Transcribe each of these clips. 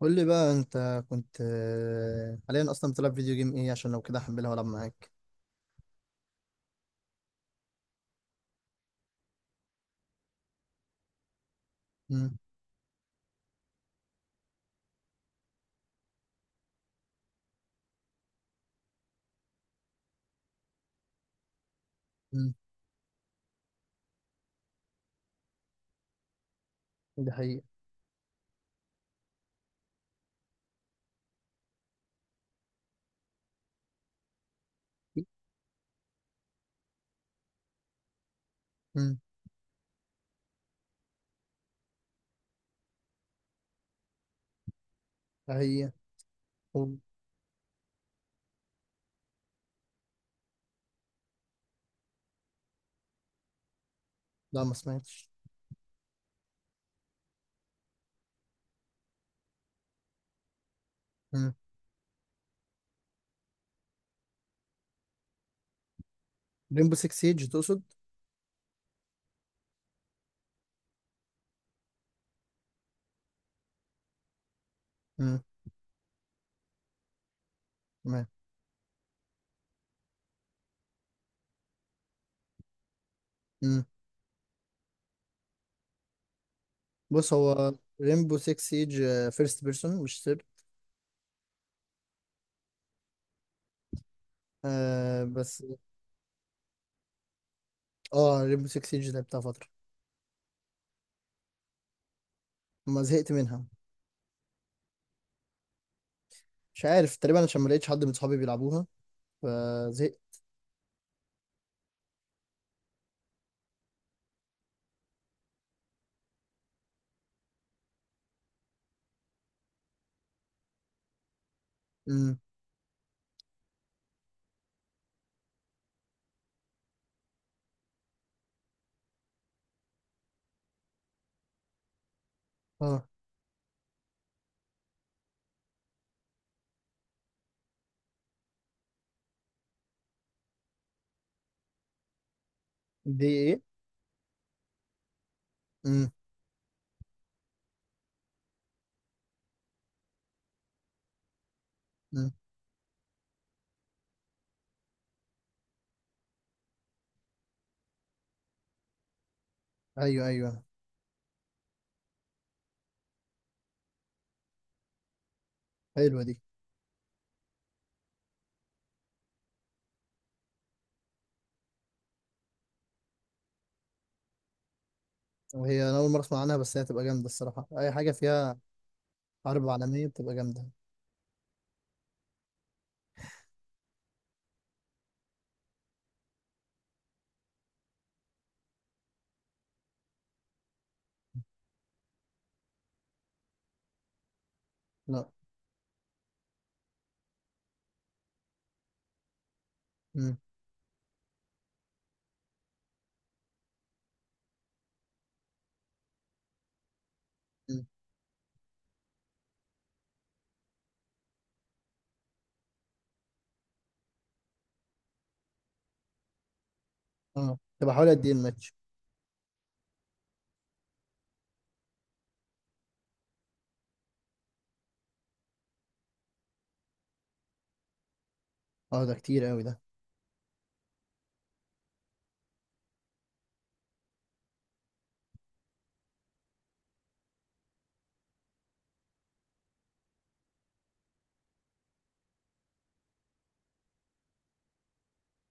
قول لي بقى انت كنت آه، حاليا اصلا بتلعب فيديو جيم ايه؟ عشان لو كده هحملها والعب معاك. امم. امم. ده حقيقة. امم. ده حقيقة. طب. لا، ما سمعتش. امم. ريمبو 6 سيج تقصد؟ امم. تمام. امم. بص، هو ريمبو 6 سيج فيرست بيرسون، مش سير. آه بس. اه، ريمبو 6 سيج لعبتها فترة. ما زهقت منها. مش عارف، تقريبا عشان ما لقيتش حد من صحابي بيلعبوها فزهقت. امم. اه. دي ايه؟ امم. امم. ايوه ايوه. حلوة دي. هي انا اول مره اسمع عنها، بس هي هتبقى جامده الصراحه. اي حاجه فيها حرب عالميه بتبقى جامده. لا. امم. أمم. اه، تبقى حوالي قد ايه الماتش؟ اه، ده كتير قوي ده.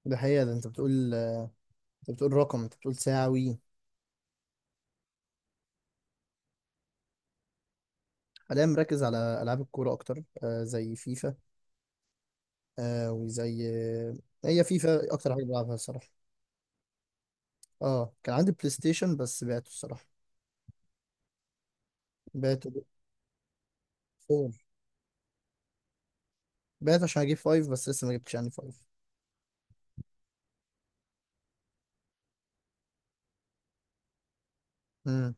ده حقيقه ده انت بتقول. انت بتقول رقم، انت بتقول ساعوي. حاليا مركز على العاب الكوره اكتر، زي فيفا. آه وزي آه هي فيفا اكتر حاجه بلعبها الصراحه. اه، كان عندي بلاي ستيشن بس بعته الصراحه، بعته. فور. بعته عشان اجيب فايف، بس لسه ما جبتش يعني فايف. امم.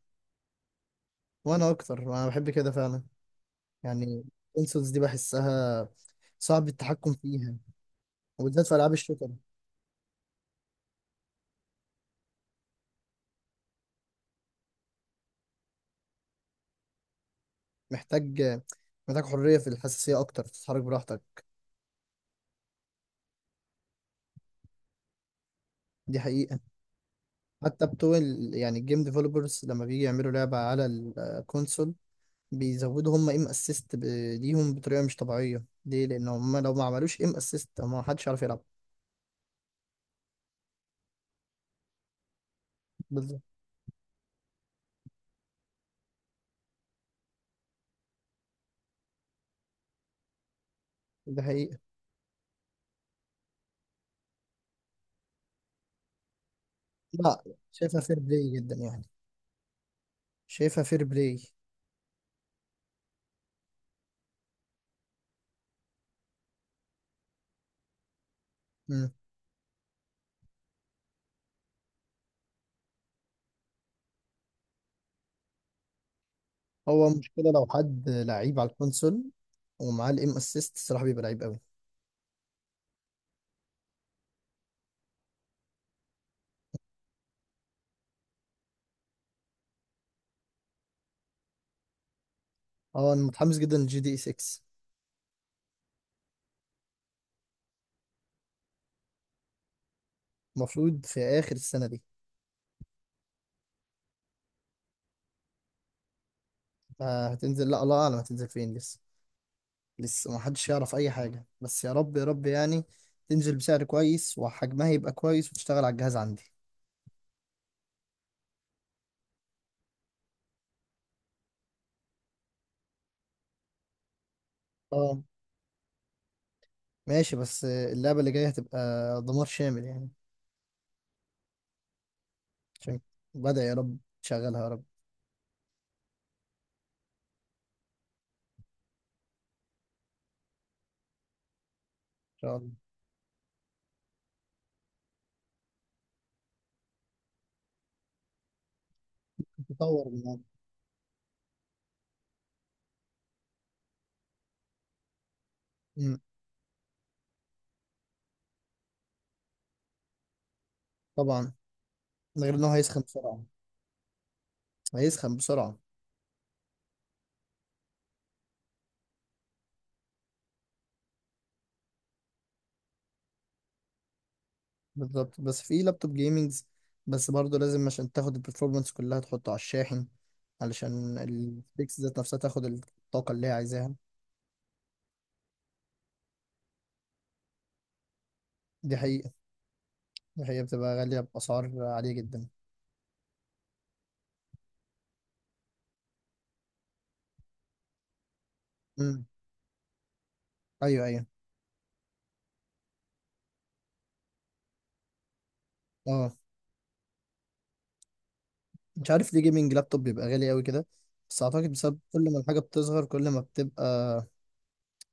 وانا اكتر، انا بحب كده فعلا. يعني الكونسولز دي بحسها صعب التحكم فيها، وبالذات في ألعاب الشوتر. محتاج محتاج حرية في الحساسية أكتر، تتحرك براحتك. دي حقيقة. حتى بتوع يعني الجيم ديفلوبرز لما بيجي يعملوا لعبة على الكونسول، بيزودوا هم ايم اسيست ليهم بطريقة مش طبيعية. ليه؟ لأن هم لو ما عملوش ايم اسيست، ما حدش يعرف يلعب. بالظبط. دي حقيقة. لا، شايفها فير بلاي جدا يعني. شايفها فير بلاي. هو مشكلة لو حد لعيب على الكونسول ومعاه الام اسيست الصراحة، بيبقى لعيب قوي. اه، انا متحمس جدا للجي دي اي 6. المفروض في اخر السنة دي. هتنزل. لا، الله اعلم هتنزل فين لسه. لسه ما حدش يعرف اي حاجة، بس يا رب يا رب يعني تنزل بسعر كويس وحجمها يبقى كويس وتشتغل على الجهاز عندي. اه ماشي، بس اللعبة اللي جاية هتبقى دمار شامل يعني. عشان بدأ، يا رب تشغلها يا رب. ان شاء الله. تطور من عندك. مم. طبعا. من غير ان هو هيسخن بسرعة. هيسخن بسرعة. بالظبط، بس في لابتوب جيمنجز. بس برضه لازم عشان تاخد البرفورمانس كلها تحطه على الشاحن، علشان البيكس ذات نفسها تاخد الطاقة اللي هي عايزاها. دي حقيقة. دي حقيقة، بتبقى غالية بأسعار عالية جدا. امم. أيوه أيوه. أه. مش عارف ليه جيمنج لابتوب بيبقى غالي أوي كده، بس أعتقد بسبب كل ما الحاجة بتصغر كل ما بتبقى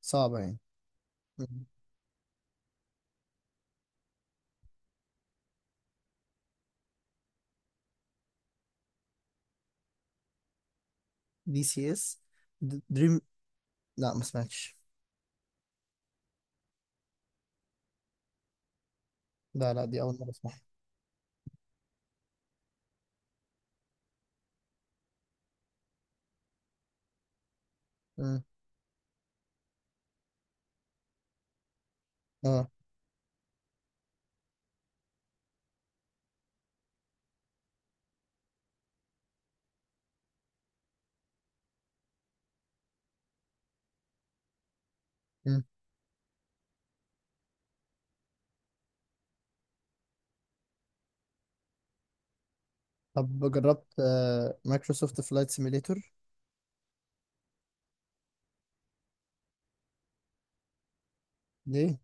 صعبة يعني. مم. دي سي اس. دريم. لا ما سمعتش. لا لا، دي أول مرة أسمعها. مم. أه. مم. طب جربت مايكروسوفت فلايت سيميليتور؟ ليه؟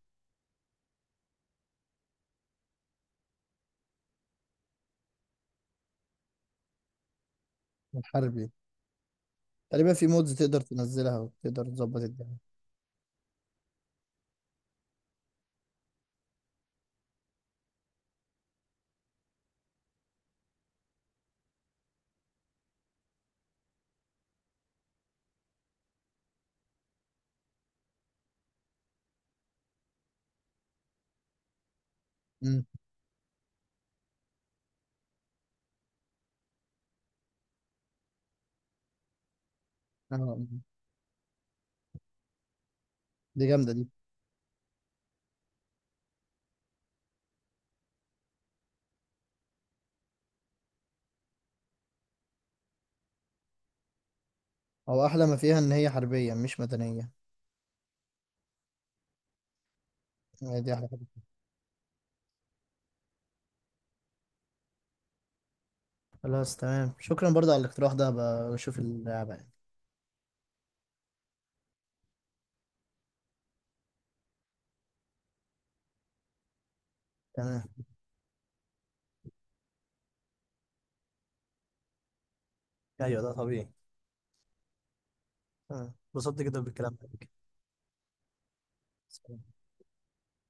الحرب دي. تقريبا في مودز تقدر تنزلها وتقدر تظبط الدنيا. امم. اه. آه. دي جامدة دي. هو أحلى ما فيها إن هي حربية مش مدنية. هي دي أحلى حاجة. خلاص تمام، شكرا برضه على الاقتراح ده. بشوف اللعبة يعني. تمام. ايوه ده طبيعي. اتبسطت جدا بالكلام معاك.